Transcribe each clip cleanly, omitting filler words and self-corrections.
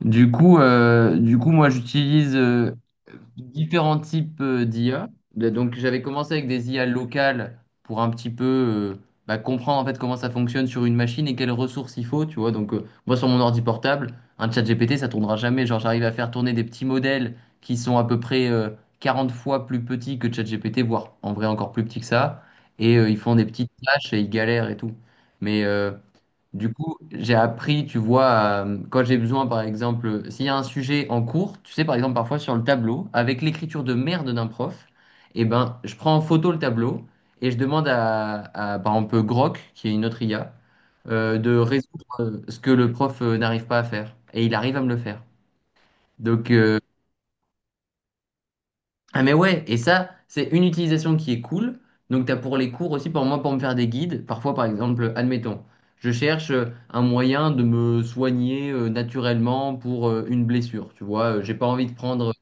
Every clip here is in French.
Du coup, moi, j'utilise différents types d'IA. Donc, j'avais commencé avec des IA locales pour un petit peu comprendre en fait comment ça fonctionne sur une machine et quelles ressources il faut, tu vois. Donc, moi, sur mon ordi portable, un chat GPT, ça tournera jamais. Genre, j'arrive à faire tourner des petits modèles qui sont à peu près 40 fois plus petits que chat GPT, voire en vrai encore plus petits que ça. Et ils font des petites tâches et ils galèrent et tout. Mais du coup, j'ai appris, tu vois, quand j'ai besoin, par exemple, s'il y a un sujet en cours, tu sais, par exemple, parfois sur le tableau, avec l'écriture de merde d'un prof, eh ben, je prends en photo le tableau et je demande par exemple, Grok, qui est une autre IA, de résoudre ce que le prof n'arrive pas à faire. Et il arrive à me le faire. Donc, euh, ah mais ouais, et ça, c'est une utilisation qui est cool. Donc t'as pour les cours aussi, pour moi, pour me faire des guides. Parfois, par exemple, admettons, je cherche un moyen de me soigner naturellement pour une blessure. Tu vois. J'ai pas envie de prendre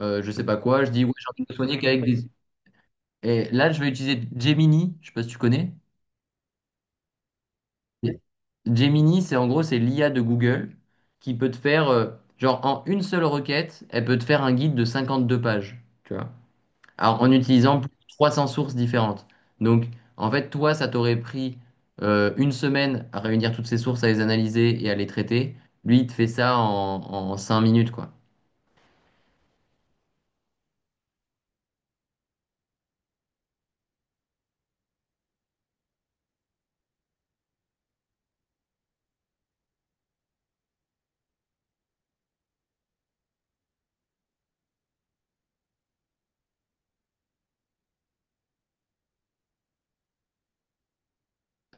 je sais pas quoi. Je dis ouais, j'ai envie de me soigner qu'avec des. Et là, je vais utiliser Gemini. Je sais pas si tu connais. Gemini, c'est en gros, c'est l'IA de Google qui peut te faire, genre en une seule requête, elle peut te faire un guide de 52 pages. Tu vois. Alors, en utilisant plus de 300 sources différentes. Donc, en fait, toi, ça t'aurait pris une semaine à réunir toutes ces sources, à les analyser et à les traiter. Lui, il te fait ça en 5 minutes, quoi.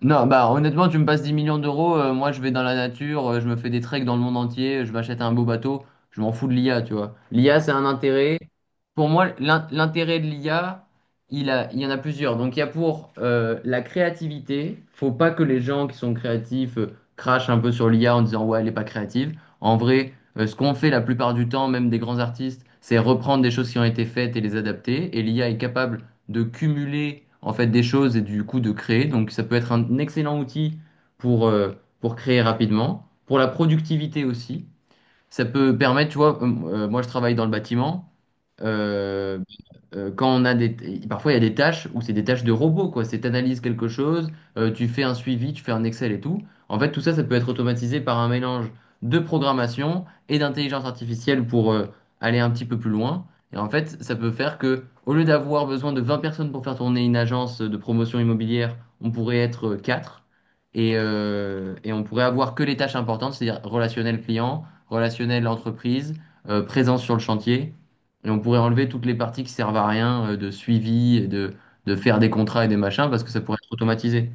Non, bah honnêtement, tu me passes 10 millions d'euros, moi je vais dans la nature, je me fais des treks dans le monde entier, je m'achète un beau bateau, je m'en fous de l'IA, tu vois. L'IA, c'est un intérêt. Pour moi, l'intérêt de l'IA, il y en a plusieurs. Donc il y a pour la créativité, faut pas que les gens qui sont créatifs crachent un peu sur l'IA en disant ouais, elle est pas créative. En vrai, ce qu'on fait la plupart du temps, même des grands artistes, c'est reprendre des choses qui ont été faites et les adapter. Et l'IA est capable de cumuler en fait des choses et du coup de créer. Donc ça peut être un excellent outil pour, euh, pour créer rapidement, pour la productivité aussi. Ça peut permettre, tu vois, moi je travaille dans le bâtiment. Euh, quand on a des, Parfois il y a des tâches où c'est des tâches de robot, quoi. C'est analyse quelque chose, tu fais un suivi, tu fais un Excel et tout. En fait, tout ça, ça peut être automatisé par un mélange de programmation et d'intelligence artificielle pour aller un petit peu plus loin. Et en fait, ça peut faire que, au lieu d'avoir besoin de 20 personnes pour faire tourner une agence de promotion immobilière, on pourrait être 4 et on pourrait avoir que les tâches importantes, c'est-à-dire relationnel client relationnel entreprise, présence sur le chantier. Et on pourrait enlever toutes les parties qui servent à rien de suivi et de faire des contrats et des machins parce que ça pourrait être automatisé.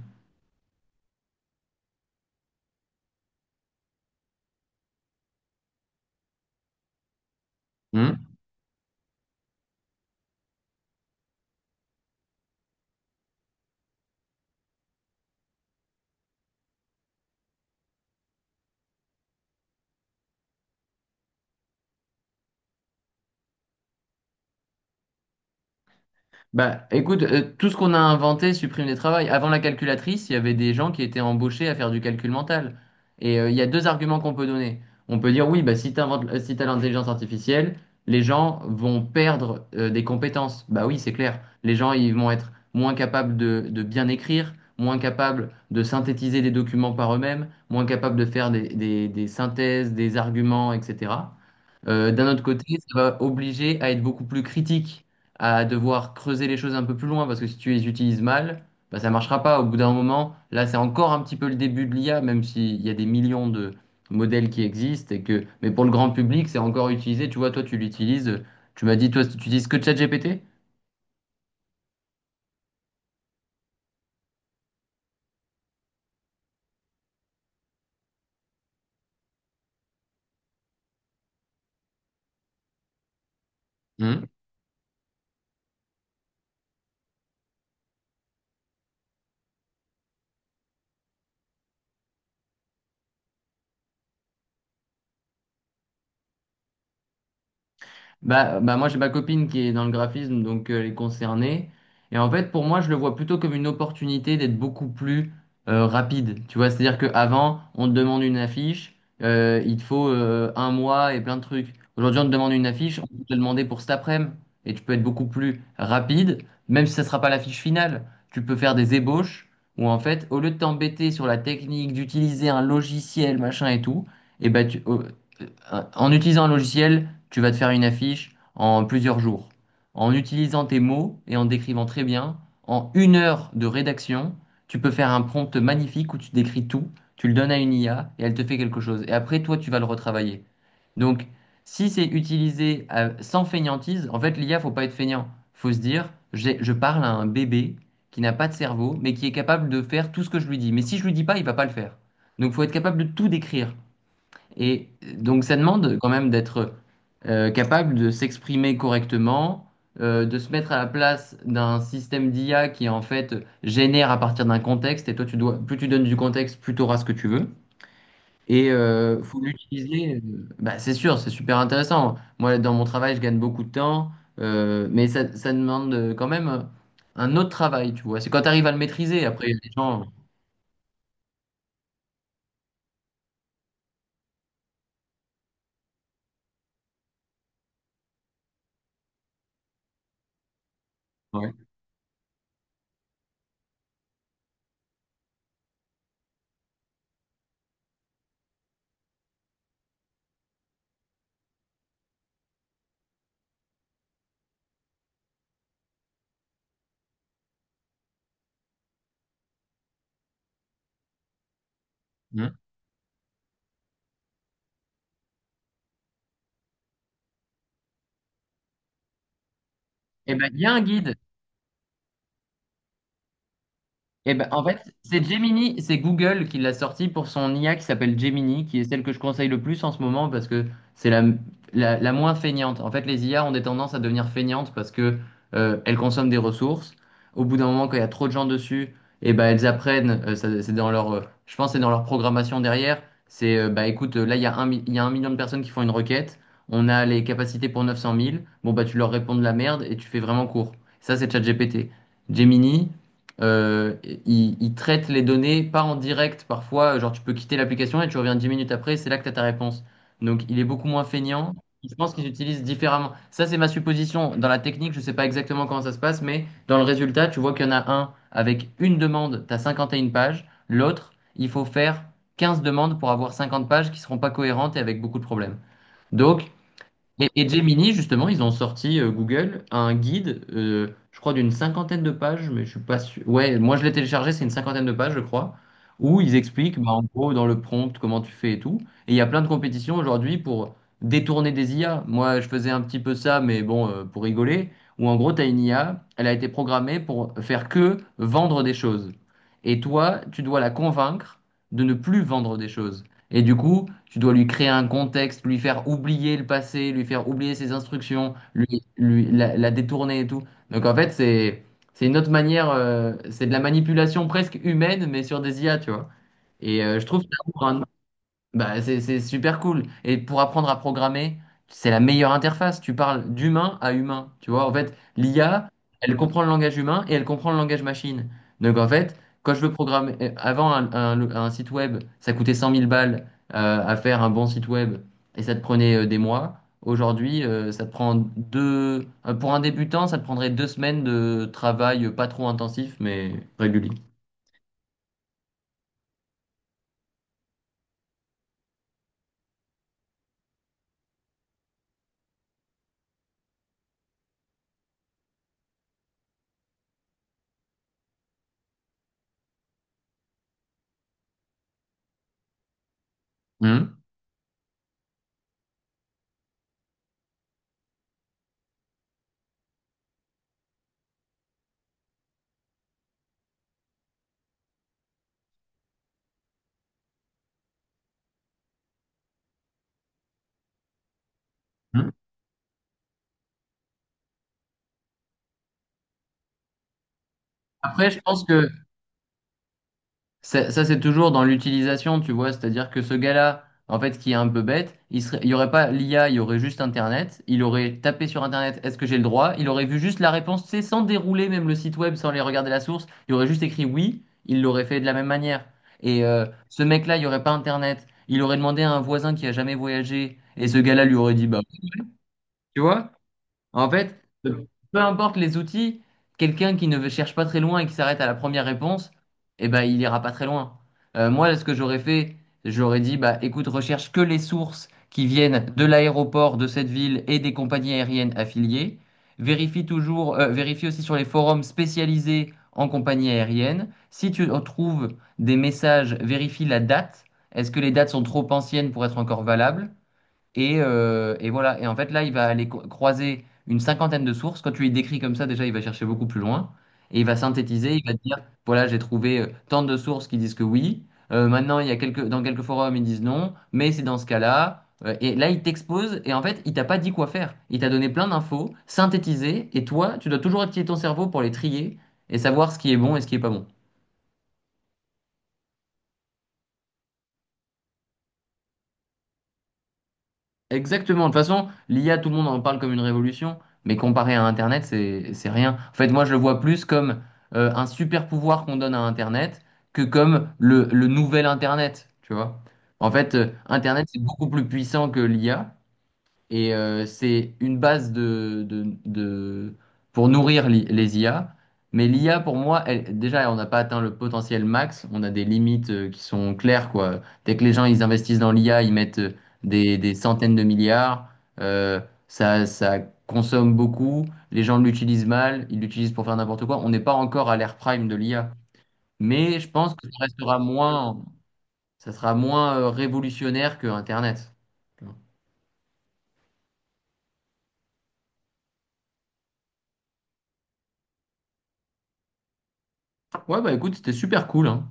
Hmm. Bah, écoute, tout ce qu'on a inventé supprime des travails. Avant la calculatrice, il y avait des gens qui étaient embauchés à faire du calcul mental. Et il y a deux arguments qu'on peut donner. On peut dire, oui, bah, si t'as l'intelligence artificielle, les gens vont perdre des compétences. Bah oui, c'est clair. Les gens, ils vont être moins capables de bien écrire, moins capables de synthétiser des documents par eux-mêmes, moins capables de faire des synthèses, des arguments, etc. D'un autre côté, ça va obliger à être beaucoup plus critique à devoir creuser les choses un peu plus loin parce que si tu les utilises mal, bah, ça marchera pas. Au bout d'un moment, là, c'est encore un petit peu le début de l'IA, même s'il y a des millions de modèles qui existent et que, mais pour le grand public, c'est encore utilisé. Tu vois, toi, tu l'utilises. Tu m'as dit, toi, tu utilises que ChatGPT? Bah, moi j'ai ma copine qui est dans le graphisme, donc elle est concernée. Et en fait, pour moi, je le vois plutôt comme une opportunité d'être beaucoup plus rapide. Tu vois, c'est-à-dire qu'avant, on te demande une affiche, il te faut un mois et plein de trucs. Aujourd'hui, on te demande une affiche, on peut te demander pour cet après-midi. Et tu peux être beaucoup plus rapide, même si ça ne sera pas l'affiche finale. Tu peux faire des ébauches où en fait, au lieu de t'embêter sur la technique, d'utiliser un logiciel, machin et tout, et ben tu, en utilisant un logiciel, tu vas te faire une affiche en plusieurs jours. En utilisant tes mots et en décrivant très bien, en une heure de rédaction, tu peux faire un prompt magnifique où tu décris tout, tu le donnes à une IA et elle te fait quelque chose. Et après, toi, tu vas le retravailler. Donc, si c'est utilisé sans fainéantise, en fait, l'IA, faut pas être fainéant. Faut se dire, je parle à un bébé qui n'a pas de cerveau, mais qui est capable de faire tout ce que je lui dis. Mais si je lui dis pas, il va pas le faire. Donc, faut être capable de tout décrire. Et donc ça demande quand même d'être capable de s'exprimer correctement, de se mettre à la place d'un système d'IA qui en fait génère à partir d'un contexte, plus tu donnes du contexte, plus tu auras ce que tu veux. Et euh, faut l'utiliser, euh, Bah, c'est sûr, c'est super intéressant. Moi, dans mon travail, je gagne beaucoup de temps. Mais ça demande quand même un autre travail, tu vois. C'est quand tu arrives à le maîtriser, après, les gens... Ouais. Mmh. Eh ben, il y a un guide. Eh ben, en fait, c'est Gemini, c'est Google qui l'a sorti pour son IA qui s'appelle Gemini, qui est celle que je conseille le plus en ce moment parce que c'est la moins feignante. En fait, les IA ont des tendances à devenir feignantes parce que elles consomment des ressources. Au bout d'un moment, quand il y a trop de gens dessus, eh ben, elles apprennent. C'est dans leur, je pense, que c'est dans leur programmation derrière. Bah, écoute, là, il y a 1 million de personnes qui font une requête. On a les capacités pour 900 000. Bon, bah, tu leur réponds de la merde et tu fais vraiment court. Ça, c'est ChatGPT. Gemini. Euh, il traite les données, pas en direct parfois, genre tu peux quitter l'application et tu reviens 10 minutes après, c'est là que tu as ta réponse. Donc il est beaucoup moins feignant. Je pense qu'ils utilisent différemment. Ça, c'est ma supposition. Dans la technique, je ne sais pas exactement comment ça se passe, mais dans le résultat, tu vois qu'il y en a un avec une demande, tu as 51 pages. L'autre, il faut faire 15 demandes pour avoir 50 pages qui seront pas cohérentes et avec beaucoup de problèmes. Donc, et Gemini, justement, ils ont sorti Google un guide, je crois, d'une cinquantaine de pages, mais je suis pas sûr. Ouais, moi je l'ai téléchargé, c'est une cinquantaine de pages, je crois, où ils expliquent, bah, en gros, dans le prompt, comment tu fais et tout. Et il y a plein de compétitions aujourd'hui pour détourner des IA. Moi, je faisais un petit peu ça, mais bon, pour rigoler, où en gros, tu as une IA, elle a été programmée pour faire que vendre des choses. Et toi, tu dois la convaincre de ne plus vendre des choses. Et du coup, tu dois lui créer un contexte, lui faire oublier le passé, lui faire oublier ses instructions, la détourner et tout. Donc en fait, c'est une autre manière, c'est de la manipulation presque humaine, mais sur des IA, tu vois. Et je trouve que ça ouvre un Bah, c'est super cool. Et pour apprendre à programmer, c'est la meilleure interface. Tu parles d'humain à humain. Tu vois, en fait, l'IA, elle comprend le langage humain et elle comprend le langage machine. Donc, en fait, quand je veux programmer, avant un site web, ça coûtait 100 000 balles à faire un bon site web et ça te prenait des mois. Aujourd'hui, ça te prend deux. Pour un débutant, ça te prendrait deux semaines de travail pas trop intensif, mais régulier. Hum. Hum. Après, je pense que ça, c'est toujours dans l'utilisation, tu vois, c'est-à-dire que ce gars-là, en fait, qui est un peu bête, il serait, il y aurait pas l'IA, il y aurait juste Internet, il aurait tapé sur Internet, est-ce que j'ai le droit? Il aurait vu juste la réponse, tu sais, sans dérouler même le site web, sans aller regarder la source, il aurait juste écrit oui, il l'aurait fait de la même manière. Et ce mec-là, il n'y aurait pas Internet, il aurait demandé à un voisin qui a jamais voyagé, et ce gars-là lui aurait dit, bah, tu vois? En fait, peu importe les outils, quelqu'un qui ne cherche pas très loin et qui s'arrête à la première réponse, eh ben, il ira pas très loin. Moi, ce que j'aurais fait, j'aurais dit, bah, écoute, recherche que les sources qui viennent de l'aéroport de cette ville et des compagnies aériennes affiliées. Vérifie toujours, vérifie aussi sur les forums spécialisés en compagnie aérienne. Si tu trouves des messages, vérifie la date. Est-ce que les dates sont trop anciennes pour être encore valables? Et voilà. Et en fait, là, il va aller croiser une cinquantaine de sources. Quand tu les décris comme ça, déjà, il va chercher beaucoup plus loin. Et il va synthétiser. Il va te dire, voilà, j'ai trouvé tant de sources qui disent que oui. Maintenant, il y a quelques, dans quelques forums, ils disent non. Mais c'est dans ce cas-là. Et là, il t'expose. Et en fait, il t'a pas dit quoi faire. Il t'a donné plein d'infos synthétisées. Et toi, tu dois toujours activer ton cerveau pour les trier et savoir ce qui est bon et ce qui est pas bon. Exactement. De toute façon, l'IA, tout le monde en parle comme une révolution, mais comparé à Internet, c'est rien. En fait, moi, je le vois plus comme un super pouvoir qu'on donne à Internet que comme le nouvel Internet, tu vois. En fait, Internet, c'est beaucoup plus puissant que l'IA, et c'est une base pour nourrir les IA. Mais l'IA, pour moi, elle- déjà, on n'a pas atteint le potentiel max. On a des limites qui sont claires, quoi. Dès que les gens ils investissent dans l'IA, ils mettent des centaines de milliards. Euh, Ça, ça consomme beaucoup. Les gens l'utilisent mal. Ils l'utilisent pour faire n'importe quoi. On n'est pas encore à l'ère prime de l'IA. Mais je pense que ça restera moins, ça sera moins révolutionnaire que Internet. Ouais, bah écoute, c'était super cool, hein.